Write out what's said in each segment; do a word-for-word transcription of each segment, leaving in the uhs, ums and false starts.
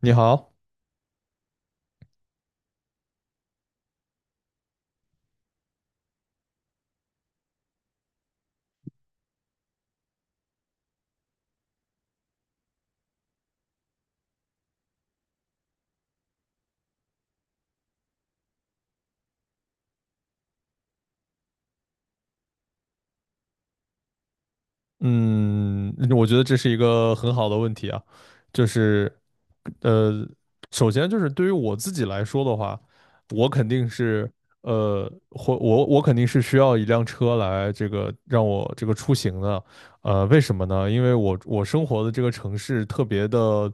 你好。嗯，我觉得这是一个很好的问题啊。就是，呃，首先就是对于我自己来说的话，我肯定是，呃，或我我肯定是需要一辆车来这个让我这个出行的。呃，为什么呢？因为我我生活的这个城市特别的，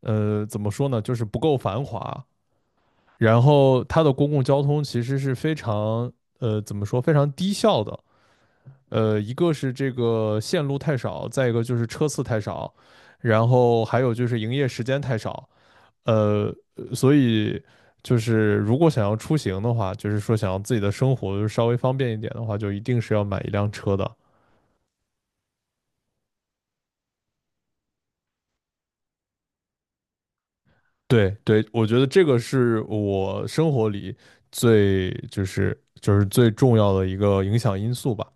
呃，怎么说呢，就是不够繁华。然后它的公共交通其实是非常，呃，怎么说，非常低效的。呃，一个是这个线路太少，再一个就是车次太少，然后还有就是营业时间太少。呃，所以就是如果想要出行的话，就是说想要自己的生活稍微方便一点的话，就一定是要买一辆车的。对对，我觉得这个是我生活里最就是就是最重要的一个影响因素吧。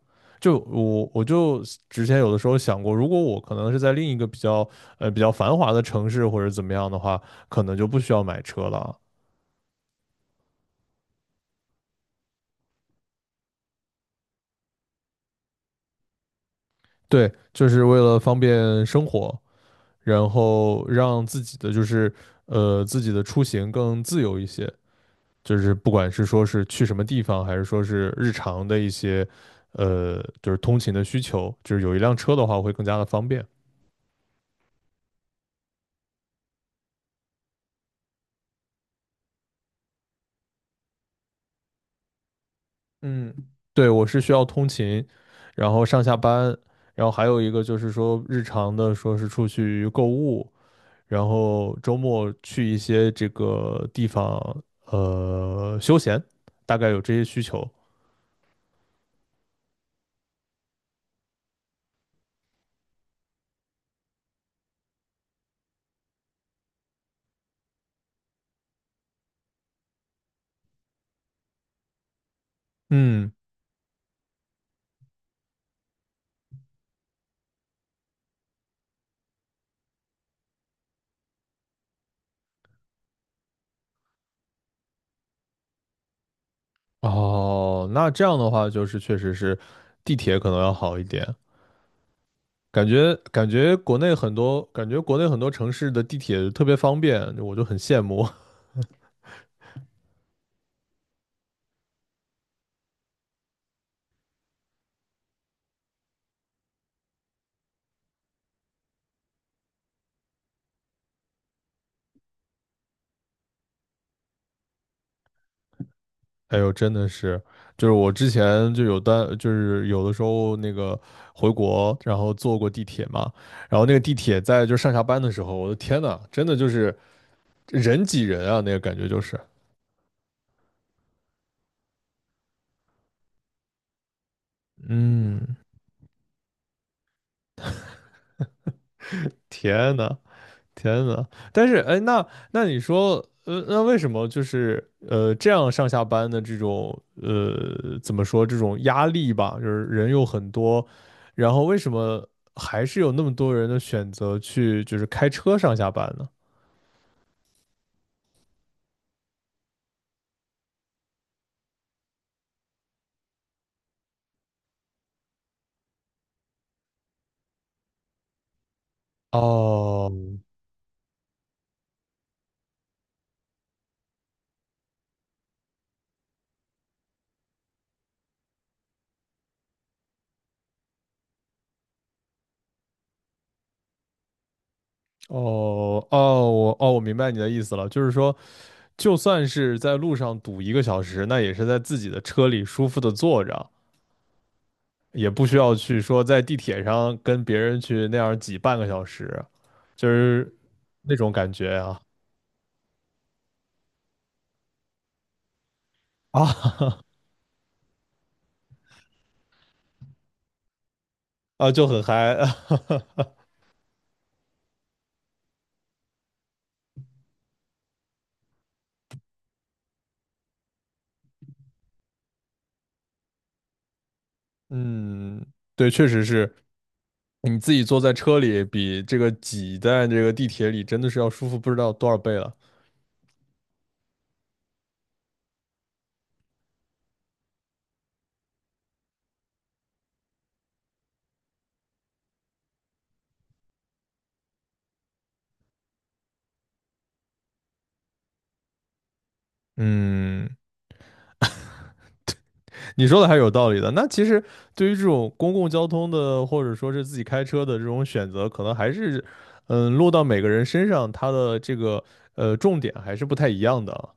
就我我就之前有的时候想过，如果我可能是在另一个比较呃比较繁华的城市或者怎么样的话，可能就不需要买车了。对，就是为了方便生活，然后让自己的就是呃自己的出行更自由一些。就是不管是说是去什么地方，还是说是日常的一些，呃，就是通勤的需求，就是有一辆车的话会更加的方便。嗯，对，我是需要通勤，然后上下班。然后还有一个就是说日常的，说是出去购物，然后周末去一些这个地方，呃，休闲，大概有这些需求。嗯。哦，那这样的话就是确实是地铁可能要好一点。感觉感觉国内很多感觉国内很多城市的地铁特别方便，我就很羡慕。哎呦，真的是，就是我之前就有单，就是有的时候那个回国，然后坐过地铁嘛。然后那个地铁在就上下班的时候，我的天呐，真的就是人挤人啊，那个感觉就是。嗯，天呐，天呐。但是哎，那那你说，呃，那为什么就是呃这样上下班的这种呃怎么说这种压力吧，就是人又很多，然后为什么还是有那么多人的选择去就是开车上下班呢？哦哦哦，我哦我明白你的意思了。就是说就算是在路上堵一个小时，那也是在自己的车里舒服的坐着，也不需要去说在地铁上跟别人去那样挤半个小时，就是那种感觉啊。啊， 啊，就很嗨。嗯，对，确实是你自己坐在车里比这个挤在这个地铁里真的是要舒服不知道多少倍了。嗯，你说的还是有道理的。那其实对于这种公共交通的，或者说是自己开车的这种选择，可能还是，嗯，落到每个人身上，它的这个呃重点还是不太一样的。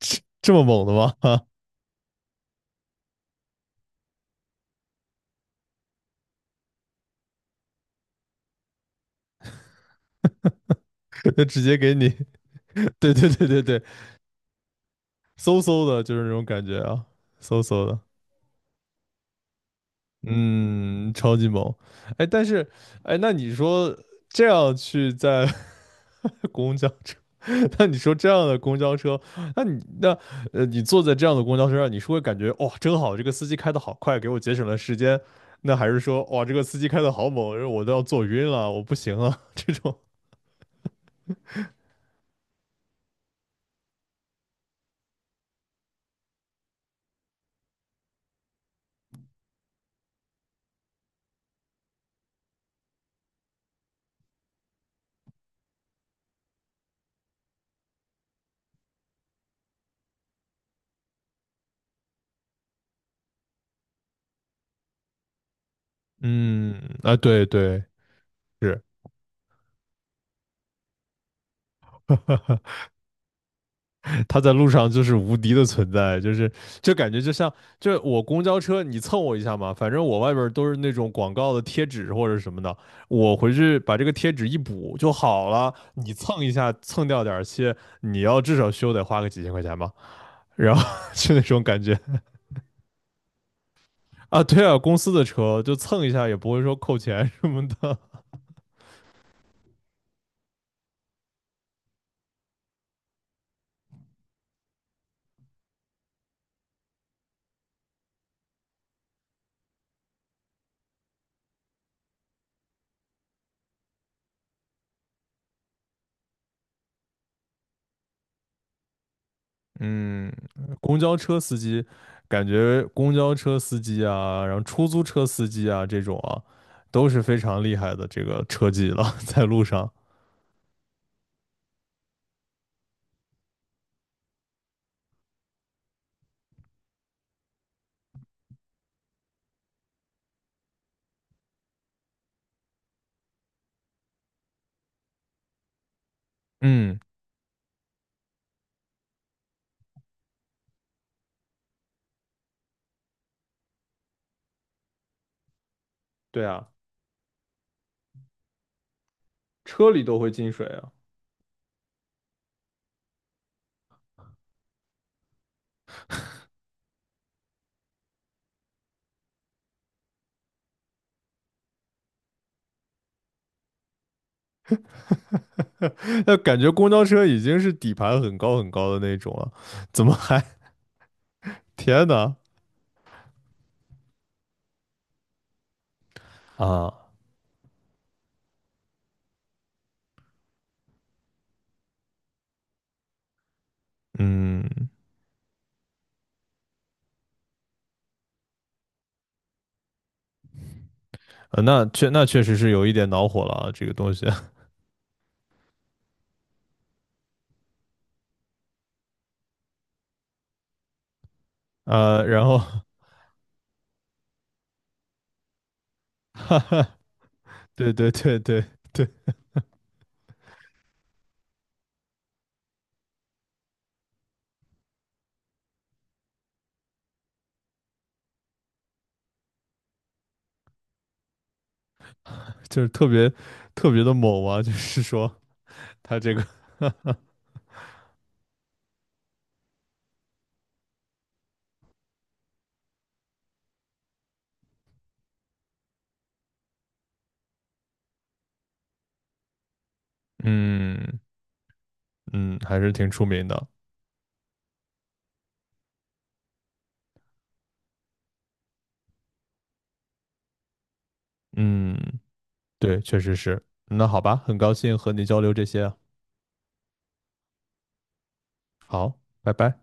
这这么猛的吗？啊，就直接给你，对对对对对。嗖嗖的，就是那种感觉啊，嗖嗖的。嗯，超级猛。哎，但是，哎，那你说这样去在 公交车，那你说这样的公交车，那你那呃，你坐在这样的公交车上，你是会感觉哇、真好，这个司机开的好快，给我节省了时间。那还是说，哇，这个司机开的好猛，我都要坐晕了，我不行了，这种。嗯，啊，对对，是。他在路上就是无敌的存在，就是就感觉就像就我公交车你蹭我一下嘛，反正我外边都是那种广告的贴纸或者什么的，我回去把这个贴纸一补就好了，你蹭一下蹭掉点儿漆，你要至少修得花个几千块钱吧，然后 就那种感觉啊。对啊，公司的车就蹭一下也不会说扣钱什么的。嗯，公交车司机，感觉公交车司机啊，然后出租车司机啊这种啊，都是非常厉害的这个车技了，在路上。嗯，对啊，车里都会进水啊。那感觉公交车已经是底盘很高很高的那种了，怎么还？天呐！啊，嗯，呃，那确那确实是有一点恼火了啊，这个东西。呃，然后，哈哈，对对对对对。就是特别特别的猛啊，就是说。他这个 嗯，嗯，还是挺出名的。嗯，对，确实是。那好吧，很高兴和你交流这些啊。好，拜拜。